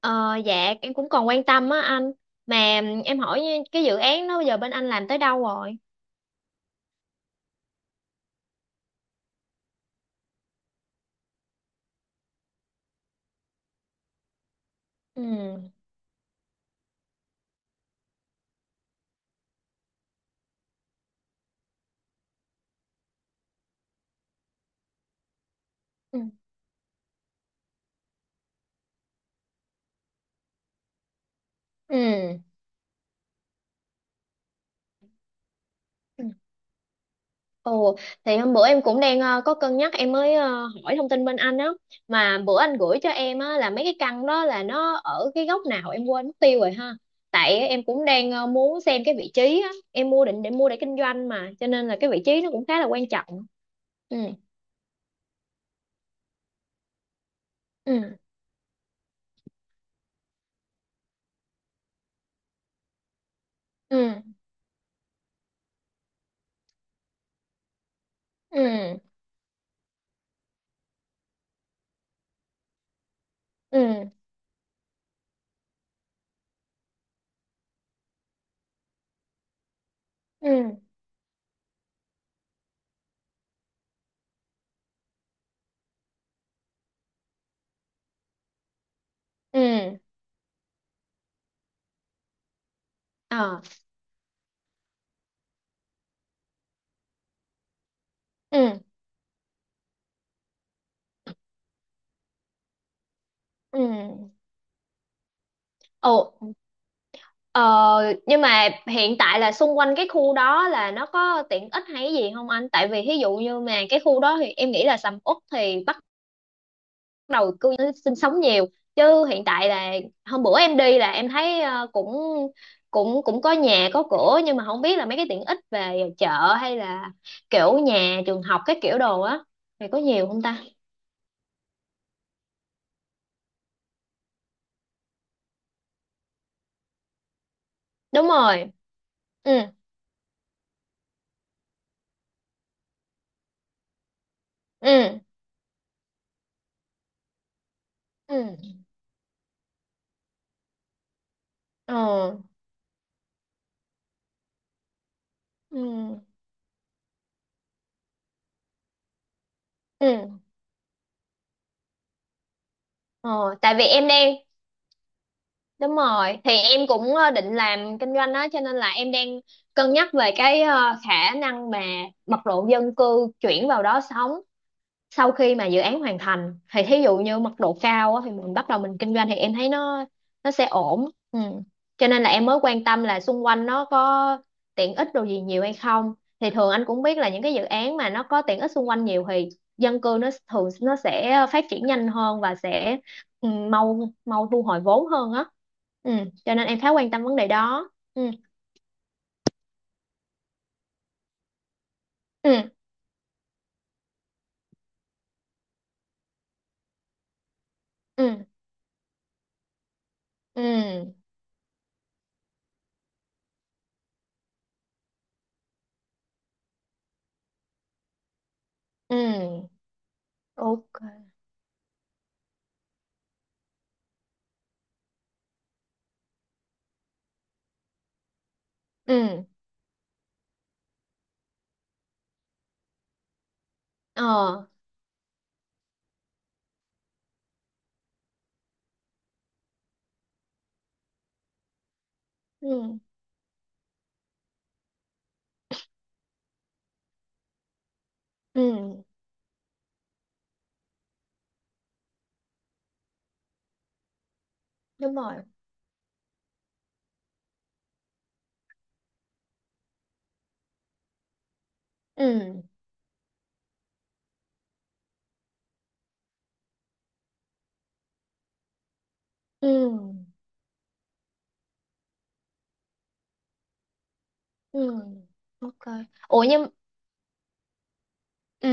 Ờ, dạ em cũng còn quan tâm á anh, mà em hỏi cái dự án đó bây giờ bên anh làm tới đâu rồi. Ừ, ừ, ừ, ừ. Ồ, thì hôm bữa em cũng đang có cân nhắc, em mới hỏi thông tin bên anh á, mà bữa anh gửi cho em á là mấy cái căn đó là nó ở cái góc nào em quên mất tiêu rồi ha. Tại em cũng đang muốn xem cái vị trí á, em mua định để mua để kinh doanh mà, cho nên là cái vị trí nó cũng khá là quan trọng. Ừ, ừ, ừ, ừ, ừ, ừ, ừ, ừ. Ờ, ừ, ừ. Ồ, ờ, nhưng mà hiện tại là xung quanh cái khu đó là nó có tiện ích hay cái gì không anh? Tại vì ví dụ như mà cái khu đó thì em nghĩ là sầm uất thì bắt đầu cư dân sinh sống nhiều. Chứ hiện tại là hôm bữa em đi là em thấy cũng cũng cũng có nhà có cửa, nhưng mà không biết là mấy cái tiện ích về chợ hay là kiểu nhà trường học cái kiểu đồ á thì có nhiều không ta? Đúng rồi. Ừ. Ừ. Ừ. Ờ. Ừ. Ừ. Ờ, tại vì em đang. Đúng rồi, thì em cũng định làm kinh doanh đó, cho nên là em đang cân nhắc về cái khả năng mà mật độ dân cư chuyển vào đó sống sau khi mà dự án hoàn thành, thì thí dụ như mật độ cao á, thì mình bắt đầu mình kinh doanh thì em thấy nó sẽ ổn. Ừ. Cho nên là em mới quan tâm là xung quanh nó có tiện ích đồ gì nhiều hay không, thì thường anh cũng biết là những cái dự án mà nó có tiện ích xung quanh nhiều thì dân cư nó thường nó sẽ phát triển nhanh hơn và sẽ mau mau thu hồi vốn hơn á. Ừ. Cho nên em khá quan tâm vấn đề đó. Ừ. Ừ. Ừ. Ừ. Ừ. Ok. Ừ. Ờ. Ừ. Ừ. Đúng rồi. Ừ, ừ, ừ. Ok. Ủa, nhưng ừ,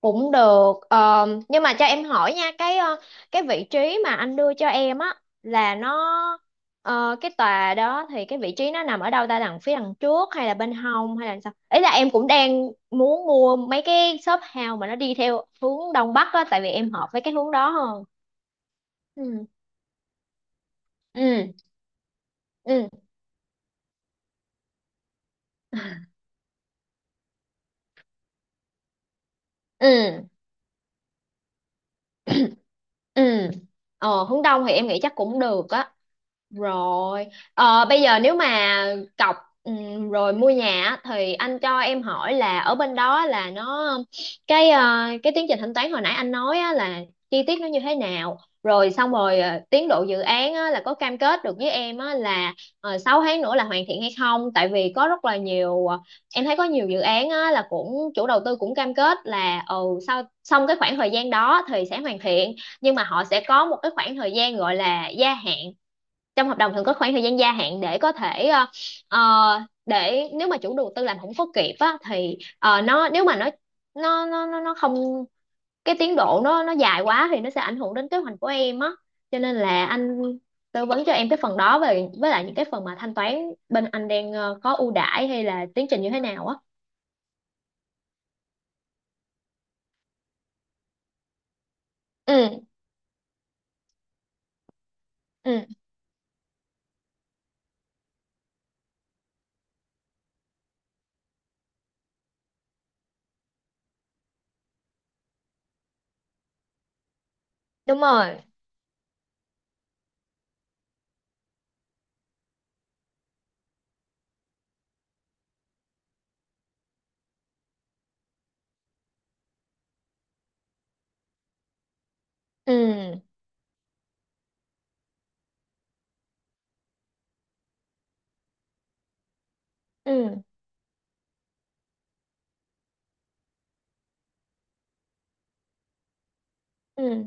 cũng được. Ờ, nhưng mà cho em hỏi nha cái cái vị trí mà anh đưa cho em á là nó cái tòa đó thì cái vị trí nó nằm ở đâu ta, đằng phía đằng trước hay là bên hông hay là sao, ý là em cũng đang muốn mua mấy cái shop house mà nó đi theo hướng đông bắc á, tại vì em hợp với cái hướng đó hơn. Ừ, ừ, ừ, ừ, ừ. Hướng đông thì em nghĩ chắc cũng được á. Rồi, bây giờ nếu mà cọc, rồi mua nhà á, thì anh cho em hỏi là ở bên đó là nó cái cái tiến trình thanh toán hồi nãy anh nói á, là chi tiết nó như thế nào. Rồi xong rồi tiến độ dự án á, là có cam kết được với em á, là 6 tháng nữa là hoàn thiện hay không? Tại vì có rất là nhiều, em thấy có nhiều dự án á, là cũng chủ đầu tư cũng cam kết là sau xong cái khoảng thời gian đó thì sẽ hoàn thiện, nhưng mà họ sẽ có một cái khoảng thời gian gọi là gia hạn, trong hợp đồng thường có khoảng thời gian gia hạn để có thể ờ, để nếu mà chủ đầu tư làm không có kịp á thì nó, nếu mà nó không, cái tiến độ nó dài quá thì nó sẽ ảnh hưởng đến kế hoạch của em á, cho nên là anh tư vấn cho em cái phần đó về với lại những cái phần mà thanh toán bên anh đang có ưu đãi hay là tiến trình như thế nào á. Ừ, ừ. Đúng rồi. Ừ, ừ, ừ,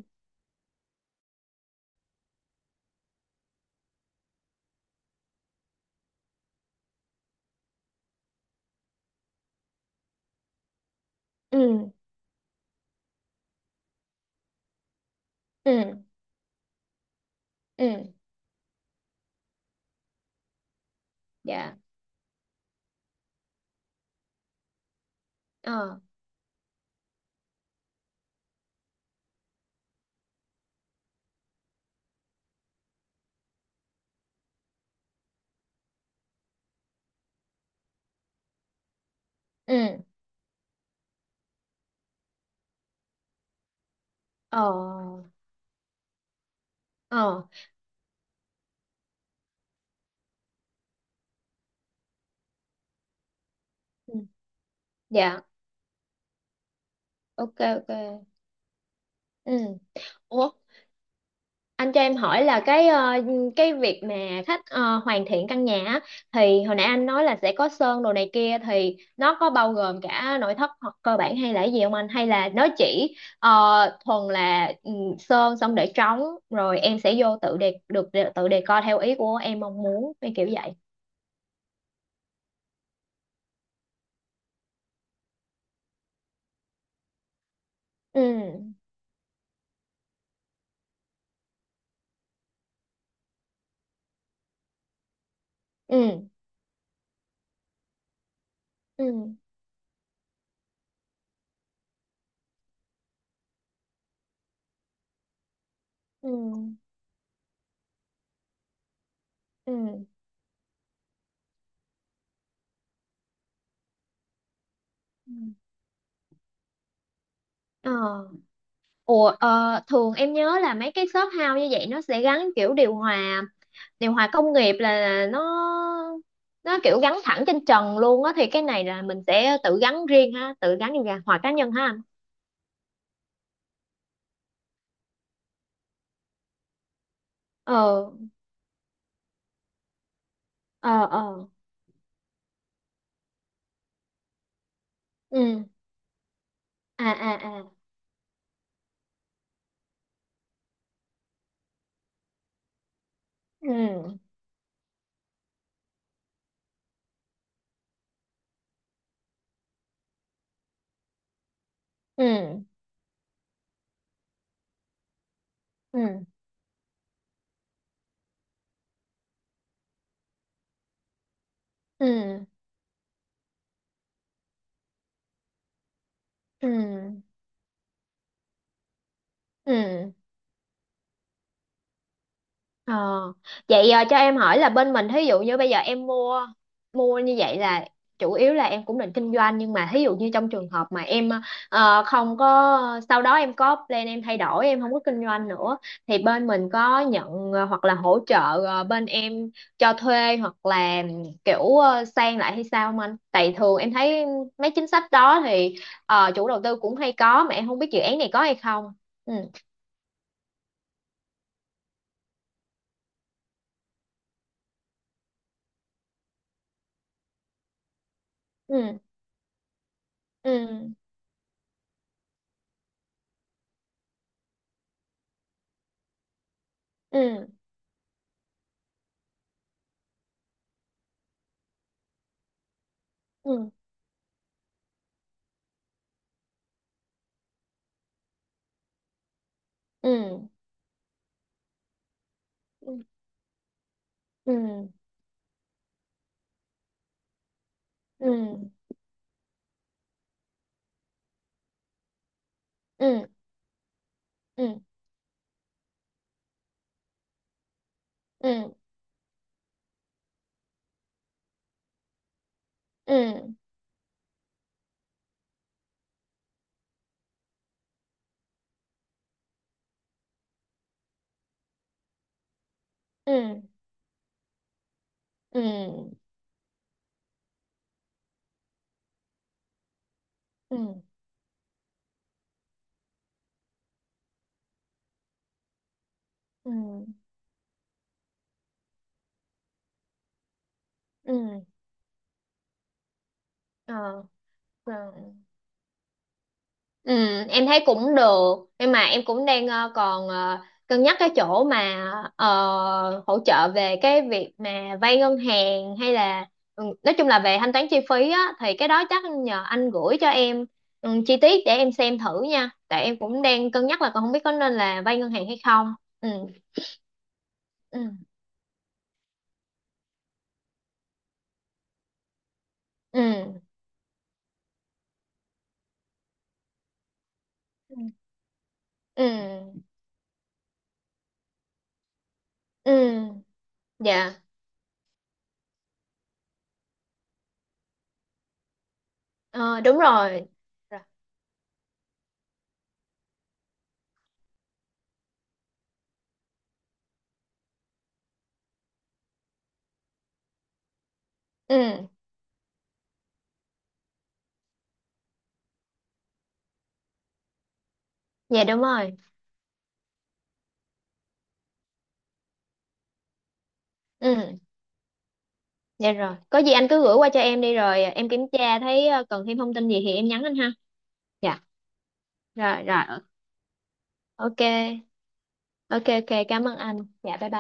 ừ, ừ, ừ. Dạ. Ờ. Ừ. Ờ. Ờ. Ừ. Dạ. Ok, ok. Ừ. Ủa, anh cho em hỏi là cái cái việc mà khách hoàn thiện căn nhà á, thì hồi nãy anh nói là sẽ có sơn đồ này kia thì nó có bao gồm cả nội thất hoặc cơ bản hay là cái gì không anh, hay là nó chỉ thuần là sơn xong để trống, rồi em sẽ vô tự đề được tự đề co theo ý của em mong muốn cái kiểu vậy. Ừ, ừ, ừ, ừ, ừ, ừ. Ờ. Ủa, thường em nhớ là mấy cái shop house như vậy nó sẽ gắn kiểu điều hòa, điều hòa công nghiệp, là nó kiểu gắn thẳng trên trần luôn á, thì cái này là mình sẽ tự gắn riêng ha, tự gắn điều hòa cá nhân ha anh. Ờ, ờ, ờ. Ừ. À, à, à. Ừ, ừ, ừ, ừ, ừ, ừ. Ờ. Vậy cho em hỏi là bên mình thí dụ như bây giờ em mua, mua như vậy là chủ yếu là em cũng định kinh doanh, nhưng mà thí dụ như trong trường hợp mà em không có, sau đó em có plan em thay đổi em không có kinh doanh nữa, thì bên mình có nhận hoặc là hỗ trợ bên em cho thuê hoặc là kiểu sang lại hay sao không anh? Tại thường em thấy mấy chính sách đó thì chủ đầu tư cũng hay có, mà em không biết dự án này có hay không. Ừ. Ừ. Ừ. Ừ. Ừ. Ừ. Ừ, ừ, ừ, ừ, ừ, ừ, ừ, ừ, ừ, ừ, ừ, ừ. Ờ, ờ. Ừ. Em thấy cũng được, nhưng mà em cũng đang còn cân nhắc cái chỗ mà hỗ trợ về cái việc mà vay ngân hàng, hay là nói chung là về thanh toán chi phí á, thì cái đó chắc nhờ anh gửi cho em chi tiết để em xem thử nha, tại em cũng đang cân nhắc là còn không biết có nên là vay ngân hàng hay không. Ừ, ừ, ừ, ừ, ừ. Dạ. Ờ, đúng rồi. Rồi. Ừ. Dạ, đúng rồi. Ừ. Dạ, rồi có gì anh cứ gửi qua cho em đi, rồi em kiểm tra thấy cần thêm thông tin gì thì em nhắn anh ha. Dạ. Rồi, rồi. Ok. Ok, ok, cảm ơn anh. Dạ, bye bye.